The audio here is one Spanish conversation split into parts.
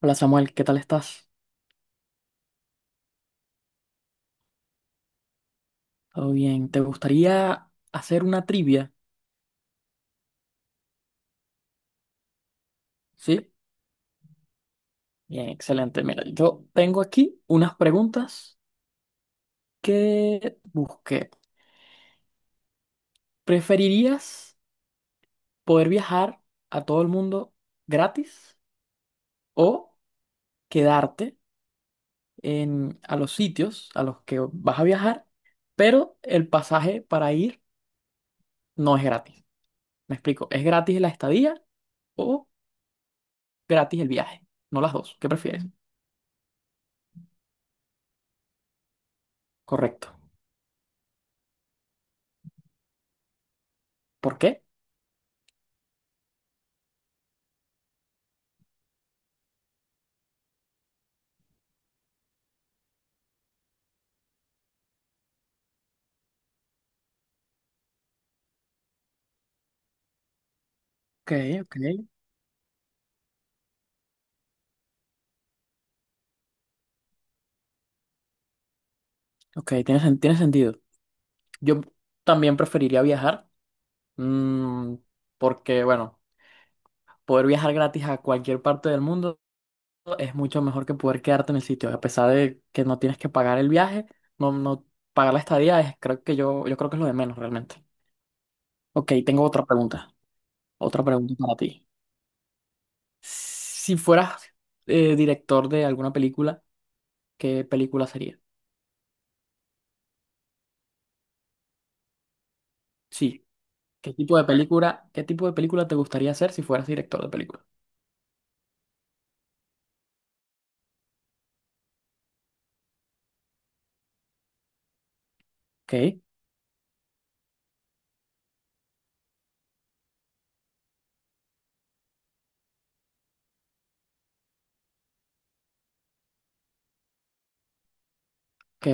Hola Samuel, ¿qué tal estás? ¿Todo bien? ¿Te gustaría hacer una trivia? ¿Sí? Bien, excelente. Mira, yo tengo aquí unas preguntas que busqué. ¿Preferirías poder viajar a todo el mundo gratis o quedarte en, a los sitios a los que vas a viajar, pero el pasaje para ir no es gratis? Me explico, ¿es gratis la estadía o gratis el viaje? No las dos, ¿qué prefieres? Correcto. ¿Por qué? Ok, ok. Ok, tiene, tiene sentido. Yo también preferiría viajar, mm, porque, bueno, poder viajar gratis a cualquier parte del mundo es mucho mejor que poder quedarte en el sitio. A pesar de que no tienes que pagar el viaje, no, no pagar la estadía, es, creo que yo creo que es lo de menos realmente. Ok, tengo otra pregunta. Otra pregunta para ti. Si fueras director de alguna película, ¿qué película sería? Sí. ¿Qué tipo de película, qué tipo de película te gustaría hacer si fueras director de película? Ok. Ok,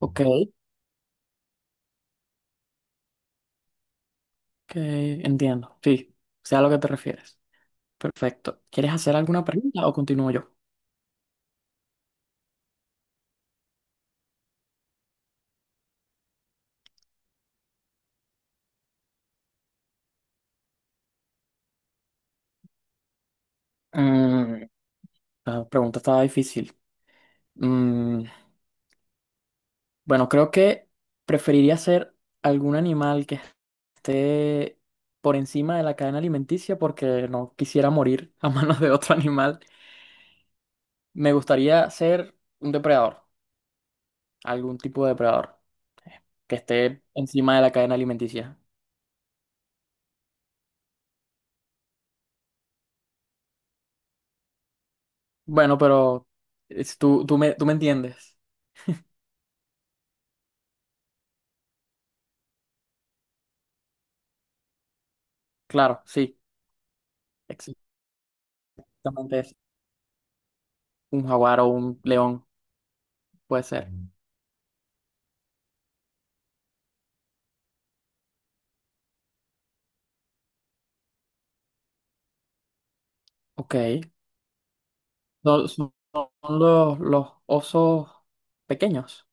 Ok, ok, entiendo. Sí, sé a lo que te refieres. Perfecto. ¿Quieres hacer alguna pregunta o continúo yo? Mm, la pregunta estaba difícil. Mm, bueno, creo que preferiría ser algún animal que esté por encima de la cadena alimenticia porque no quisiera morir a manos de otro animal. Me gustaría ser un depredador, algún tipo de depredador que esté encima de la cadena alimenticia. Bueno, pero tú tú me entiendes. Claro, sí. Exactamente es un jaguar o un león, puede ser. Ok. No, Son, los osos pequeños.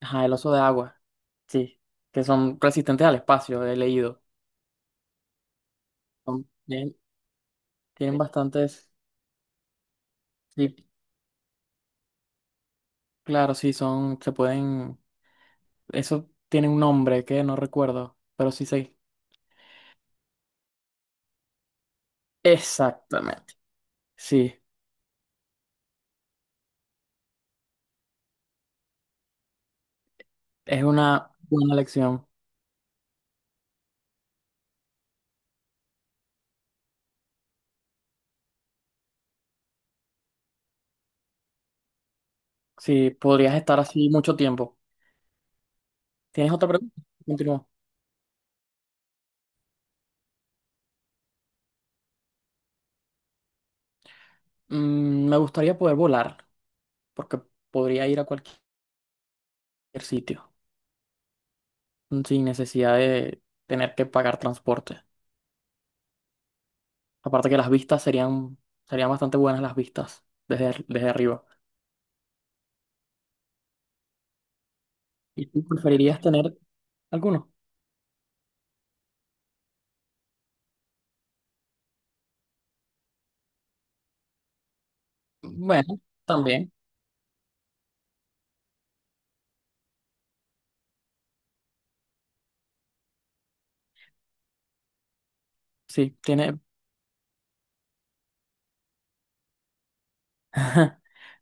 Ajá, el oso de agua. Sí. Que son resistentes al espacio, he leído. Son- tienen, tienen bastantes. Sí, claro, sí, son. Se pueden. Eso tiene un nombre que no recuerdo, pero sí sé. Exactamente. Sí. Es una buena lección. Sí, podrías estar así mucho tiempo. ¿Tienes otra pregunta? Continúa. Me gustaría poder volar, porque podría ir a cualquier sitio sin necesidad de tener que pagar transporte. Aparte que las vistas serían, serían bastante buenas las vistas desde, desde arriba. ¿Y tú preferirías tener alguno? Bueno, también, sí. Tiene...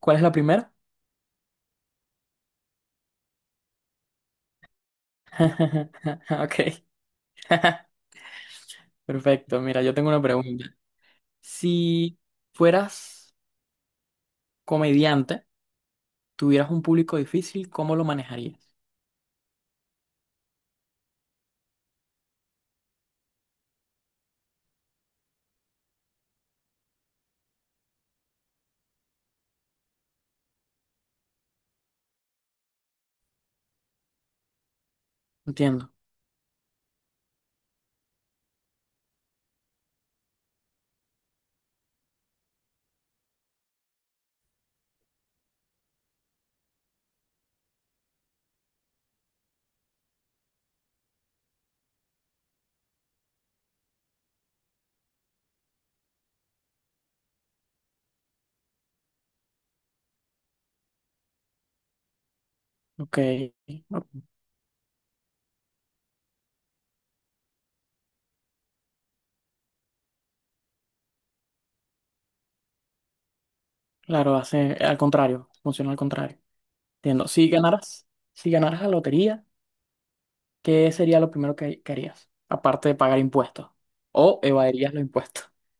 ¿Cuál es la primera? Ok. Perfecto. Mira, yo tengo una pregunta. Si fueras comediante, tuvieras un público difícil, ¿cómo lo manejarías? Entiendo. Ok. Ok. Claro, hace al contrario, funciona al contrario. Entiendo. Si ganaras la lotería, ¿qué sería lo primero que harías? Aparte de pagar impuestos. O evadirías los impuestos.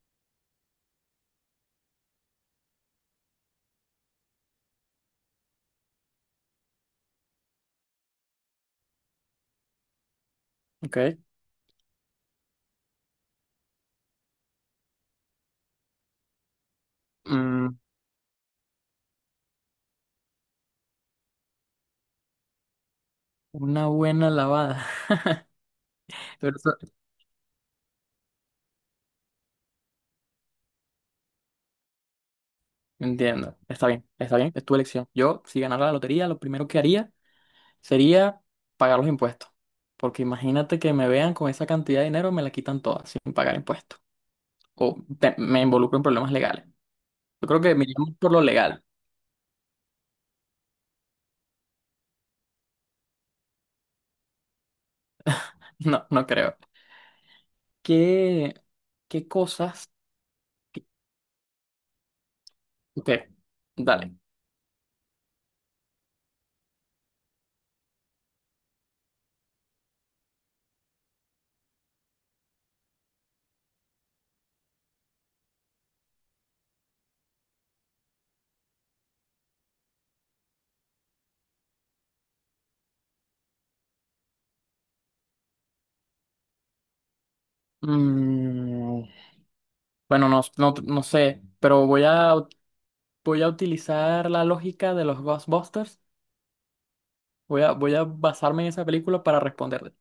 Ok. Mm, una buena lavada. Pero eso- Entiendo. Está bien, está bien. Es tu elección. Yo, si ganara la lotería, lo primero que haría sería pagar los impuestos. Porque imagínate que me vean con esa cantidad de dinero, me la quitan toda sin pagar impuestos. O me involucro en problemas legales. Yo creo que me iría por lo legal. No, no creo. ¿Qué, qué cosas? Ok, dale. Mm, bueno, no, no, no sé, pero voy a utilizar la lógica de los Ghostbusters. Voy a basarme en esa película para responderte.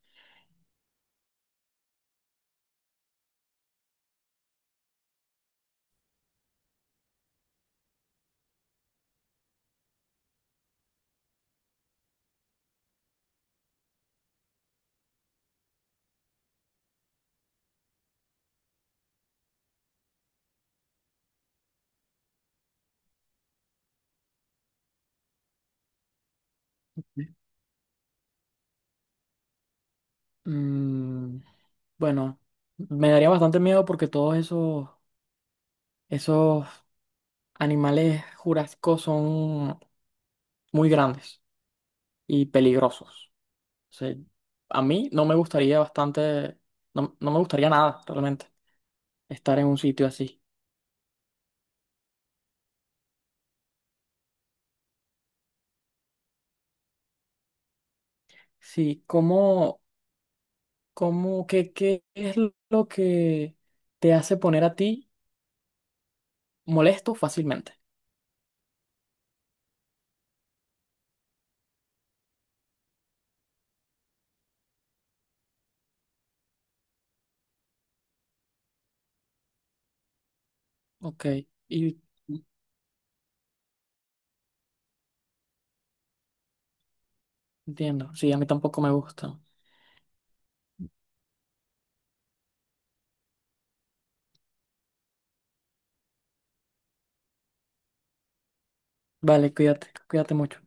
Mm, bueno, me daría bastante miedo porque todos esos, esos animales jurásicos son muy grandes y peligrosos. O sea, a mí no me gustaría bastante, no, no me gustaría nada realmente estar en un sitio así. Sí, ¿qué, qué es lo que te hace poner a ti molesto fácilmente? Ok, y entiendo, sí, a mí tampoco me gusta. Vale, cuídate, cuídate mucho.